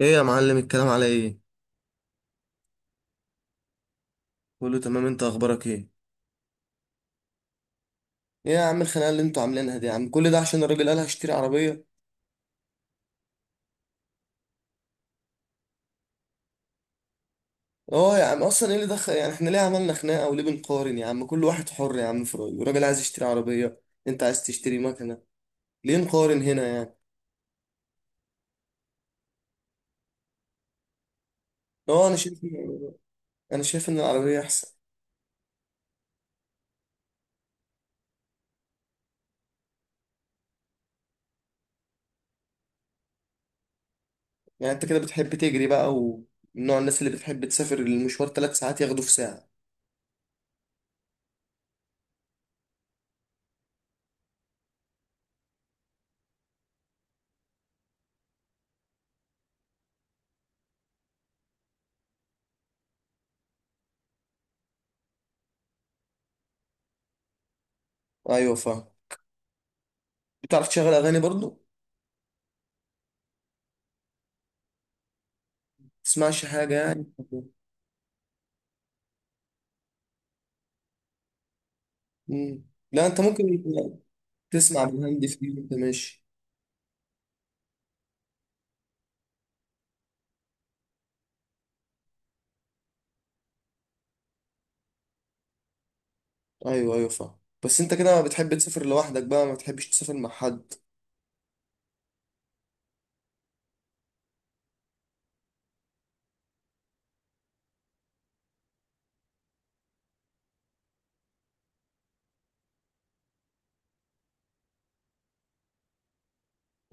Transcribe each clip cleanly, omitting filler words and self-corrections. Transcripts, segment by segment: ايه يا معلم، الكلام على ايه؟ كله تمام. انت اخبارك ايه؟ ايه يا عم الخناقه اللي انتوا عاملينها دي يا عم؟ كل ده عشان الراجل قال هشتري عربيه؟ اه يا عم، اصلا ايه اللي دخل يعني؟ احنا ليه عملنا خناقه وليه بنقارن يا عم؟ كل واحد حر يا عم في رايه. الراجل عايز يشتري عربيه، انت عايز تشتري مكنه، ليه نقارن هنا يعني؟ اه انا شايف. انا شايف ان العربيه احسن. يعني انت كده بتحب تجري بقى، ومن نوع الناس اللي بتحب تسافر المشوار ثلاث ساعات ياخده في ساعه؟ ايوه فاهم. بتعرف تشغل اغاني برضو؟ تسمعش حاجه يعني؟ مم. لا انت ممكن تسمع بالهندي فيه وانت ماشي. ايوه ايوه فاهم. بس انت كده بتحب تسافر لوحدك بقى؟ ما بتحبش تسافر مع حد؟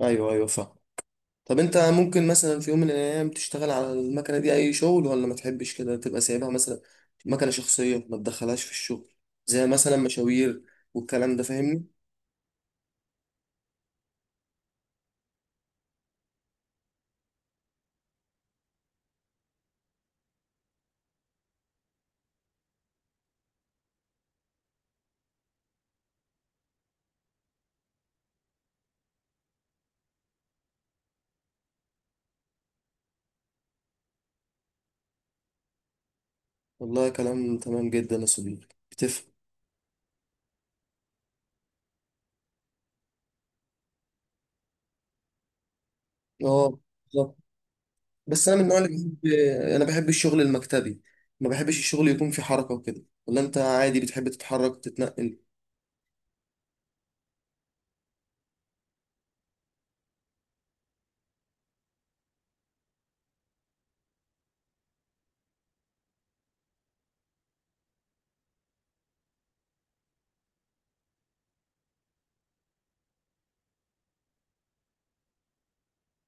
ايوه ايوه فاهم. طب انت ممكن مثلا في يوم من الايام تشتغل على المكنه دي اي شغل، ولا ما تحبش كده تبقى سايبها مثلا مكنه شخصيه ما تدخلهاش في الشغل، زي مثلا مشاوير والكلام ده، فاهمني؟ والله كلام تمام جدا يا صديقي، بتفهم. اه بالظبط. بس انا من النوع اللي بحب، انا بحب الشغل المكتبي. ما بحبش الشغل يكون فيه حركه وكده. ولا انت عادي بتحب تتحرك وتتنقل؟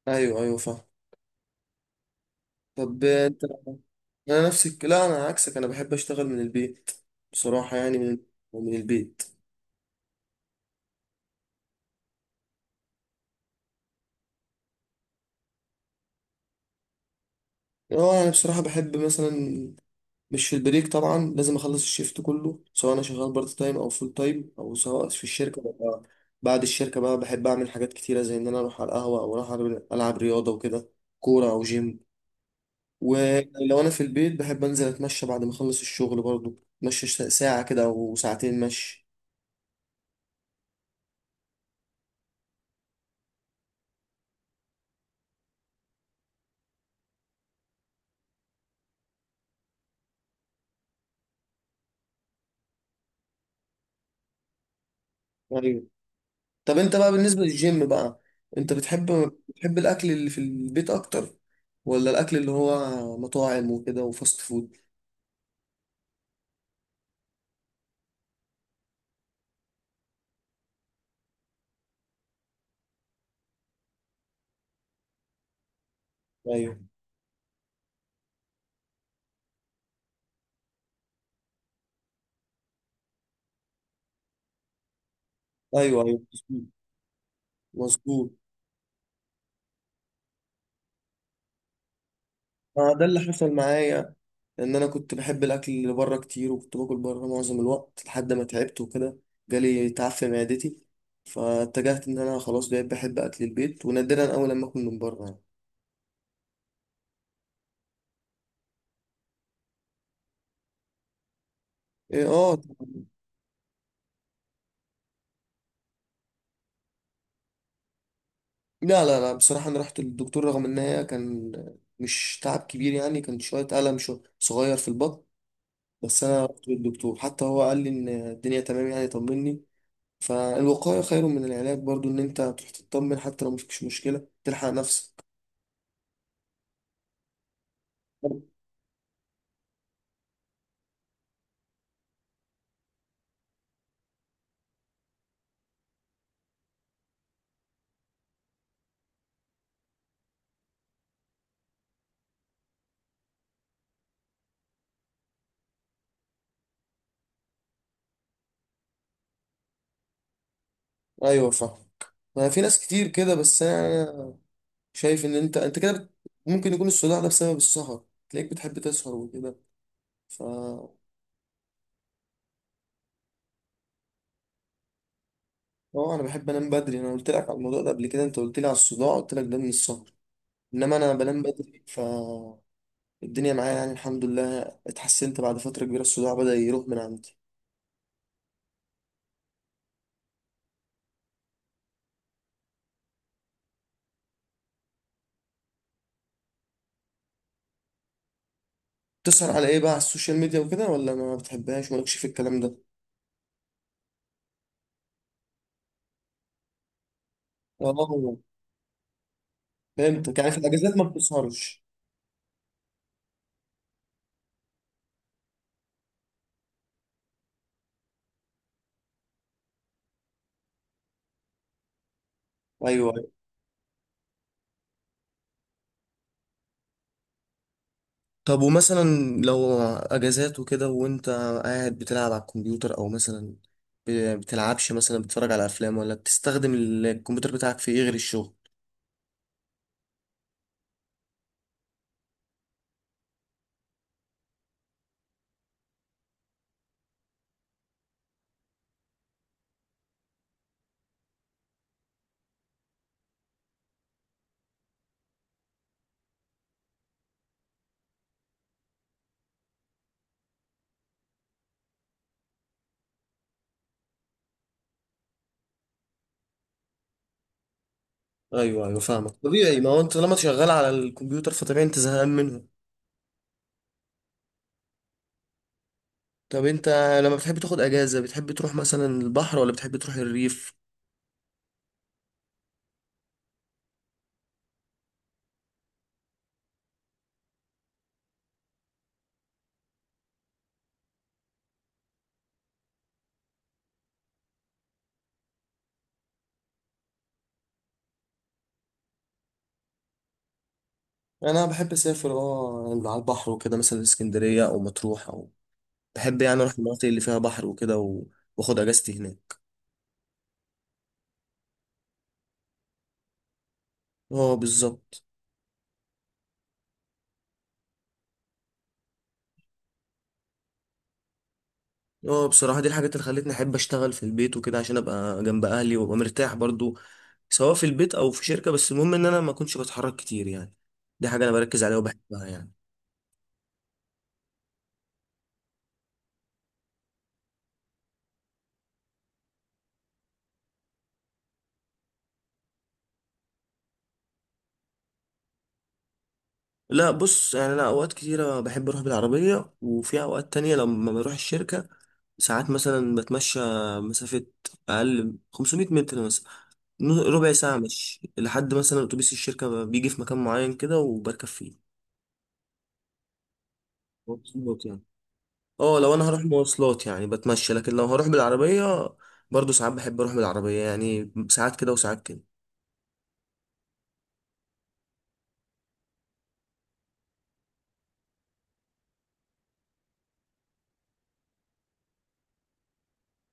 ايوه ايوه فاهم. طب انت، انا نفسك؟ لا انا عكسك، انا بحب اشتغل من البيت. بصراحة يعني من البيت. اه انا بصراحة بحب مثلا، مش في البريك طبعا، لازم اخلص الشيفت كله، سواء انا شغال بارت تايم او فول تايم، او سواء في الشركة ببقى. بعد الشركة بقى بحب اعمل حاجات كتيرة، زي ان انا اروح على القهوة، او اروح ألعب رياضة وكده، كورة او جيم. ولو انا في البيت بحب انزل اتمشى بعد ما اخلص الشغل، برضو اتمشى ساعة كده او ساعتين مشي. أيوة. طب انت بقى بالنسبة للجيم بقى، انت بتحب الاكل اللي في البيت اكتر، ولا الاكل اللي هو مطاعم وكده وفاست فود؟ ايوه ايوه ايوه، مظبوط مظبوط. ما ده اللي حصل معايا، ان انا كنت بحب الاكل اللي بره كتير، وكنت باكل بره معظم الوقت لحد ما تعبت وكده. جالي تعب في معدتي، فاتجهت ان انا خلاص بقيت بحب اكل البيت، ونادرا اول لما اكل من بره يعني. إيه، اه. لا لا لا، بصراحة أنا رحت للدكتور، رغم إن هي كان مش تعب كبير يعني، كان شوية ألم شو صغير في البطن. بس أنا رحت للدكتور، حتى هو قال لي إن الدنيا تمام يعني، طمني. فالوقاية خير من العلاج برضو، إن أنت تروح تطمن حتى لو مفيش مشكلة، تلحق نفسك. أيوة فاهم. ما في ناس كتير كده. بس أنا شايف إن أنت كده ممكن يكون الصداع ده بسبب السهر. تلاقيك بتحب تسهر وكده ف اه انا بحب انام بدري. انا قلت لك على الموضوع ده قبل كده، انت قلت لي على الصداع، قلت لك ده من السهر. انما انا بنام بدري، فالدنيا معايا يعني الحمد لله. اتحسنت، بعد فترة كبيرة الصداع بدأ يروح من عندي. بتسهر على ايه بقى؟ على السوشيال ميديا وكده، ولا ما بتحبهاش، مالكش في الكلام ده؟ اه فهمتك. يعني في الاجازات ما بتسهرش؟ ايوه أيوة. طب ومثلا لو اجازات وكده، وانت قاعد بتلعب على الكمبيوتر، او مثلا بتلعبش مثلا بتتفرج على افلام؟ ولا بتستخدم الكمبيوتر بتاعك في ايه غير الشغل؟ ايوه ايوه فاهمك، طبيعي. ما هو انت لما شغال على الكمبيوتر، فطبيعي انت زهقان منه. طب انت لما بتحب تاخد اجازة، بتحب تروح مثلا البحر ولا بتحب تروح الريف؟ انا بحب اسافر على البحر وكده، مثلا اسكندرية او مطروح، او بحب يعني اروح المناطق اللي فيها بحر وكده. واخد اجازتي هناك. اه بالظبط. اه بصراحة دي الحاجات اللي خلتني احب اشتغل في البيت وكده، عشان ابقى جنب اهلي وابقى مرتاح برضو. سواء في البيت او في شركة، بس المهم ان انا ما اكونش بتحرك كتير يعني. دي حاجة انا بركز عليها وبحبها يعني. لا بص يعني، انا اوقات كتيره بحب اروح بالعربيه، وفي اوقات تانية لما بروح الشركه، ساعات مثلا بتمشى مسافه اقل من 500 متر مثلا، ربع ساعه مشي، لحد مثلا اتوبيس الشركه بيجي في مكان معين كده وبركب فيه، مواصلات يعني. اه لو انا هروح مواصلات يعني بتمشى، لكن لو هروح بالعربيه، برضو ساعات بحب اروح بالعربيه يعني، ساعات كده وساعات كده.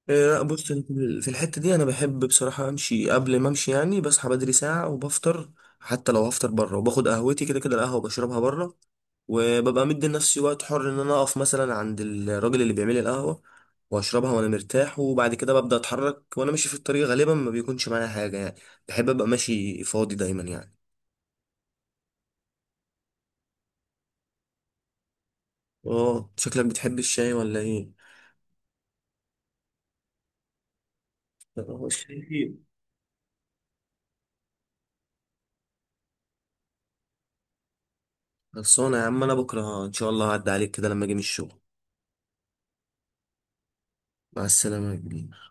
لا بص، أنا في الحتة دي أنا بحب بصراحة أمشي. قبل ما أمشي يعني بصحى بدري ساعة وبفطر، حتى لو هفطر بره، وباخد قهوتي كده كده، القهوة بشربها بره، وببقى مدي لنفسي وقت حر، إن أنا أقف مثلا عند الراجل اللي بيعمل لي القهوة، وأشربها وأنا مرتاح. وبعد كده ببدأ أتحرك، وأنا ماشي في الطريق غالبا ما بيكونش معايا حاجة يعني، بحب أبقى ماشي فاضي دايما يعني. أه شكلك بتحب الشاي ولا إيه؟ لا، هو الشاي. خلصانة يا عم، أنا بكرة إن شاء الله هعدي عليك كده لما أجي من الشغل. مع السلامة يا كبير.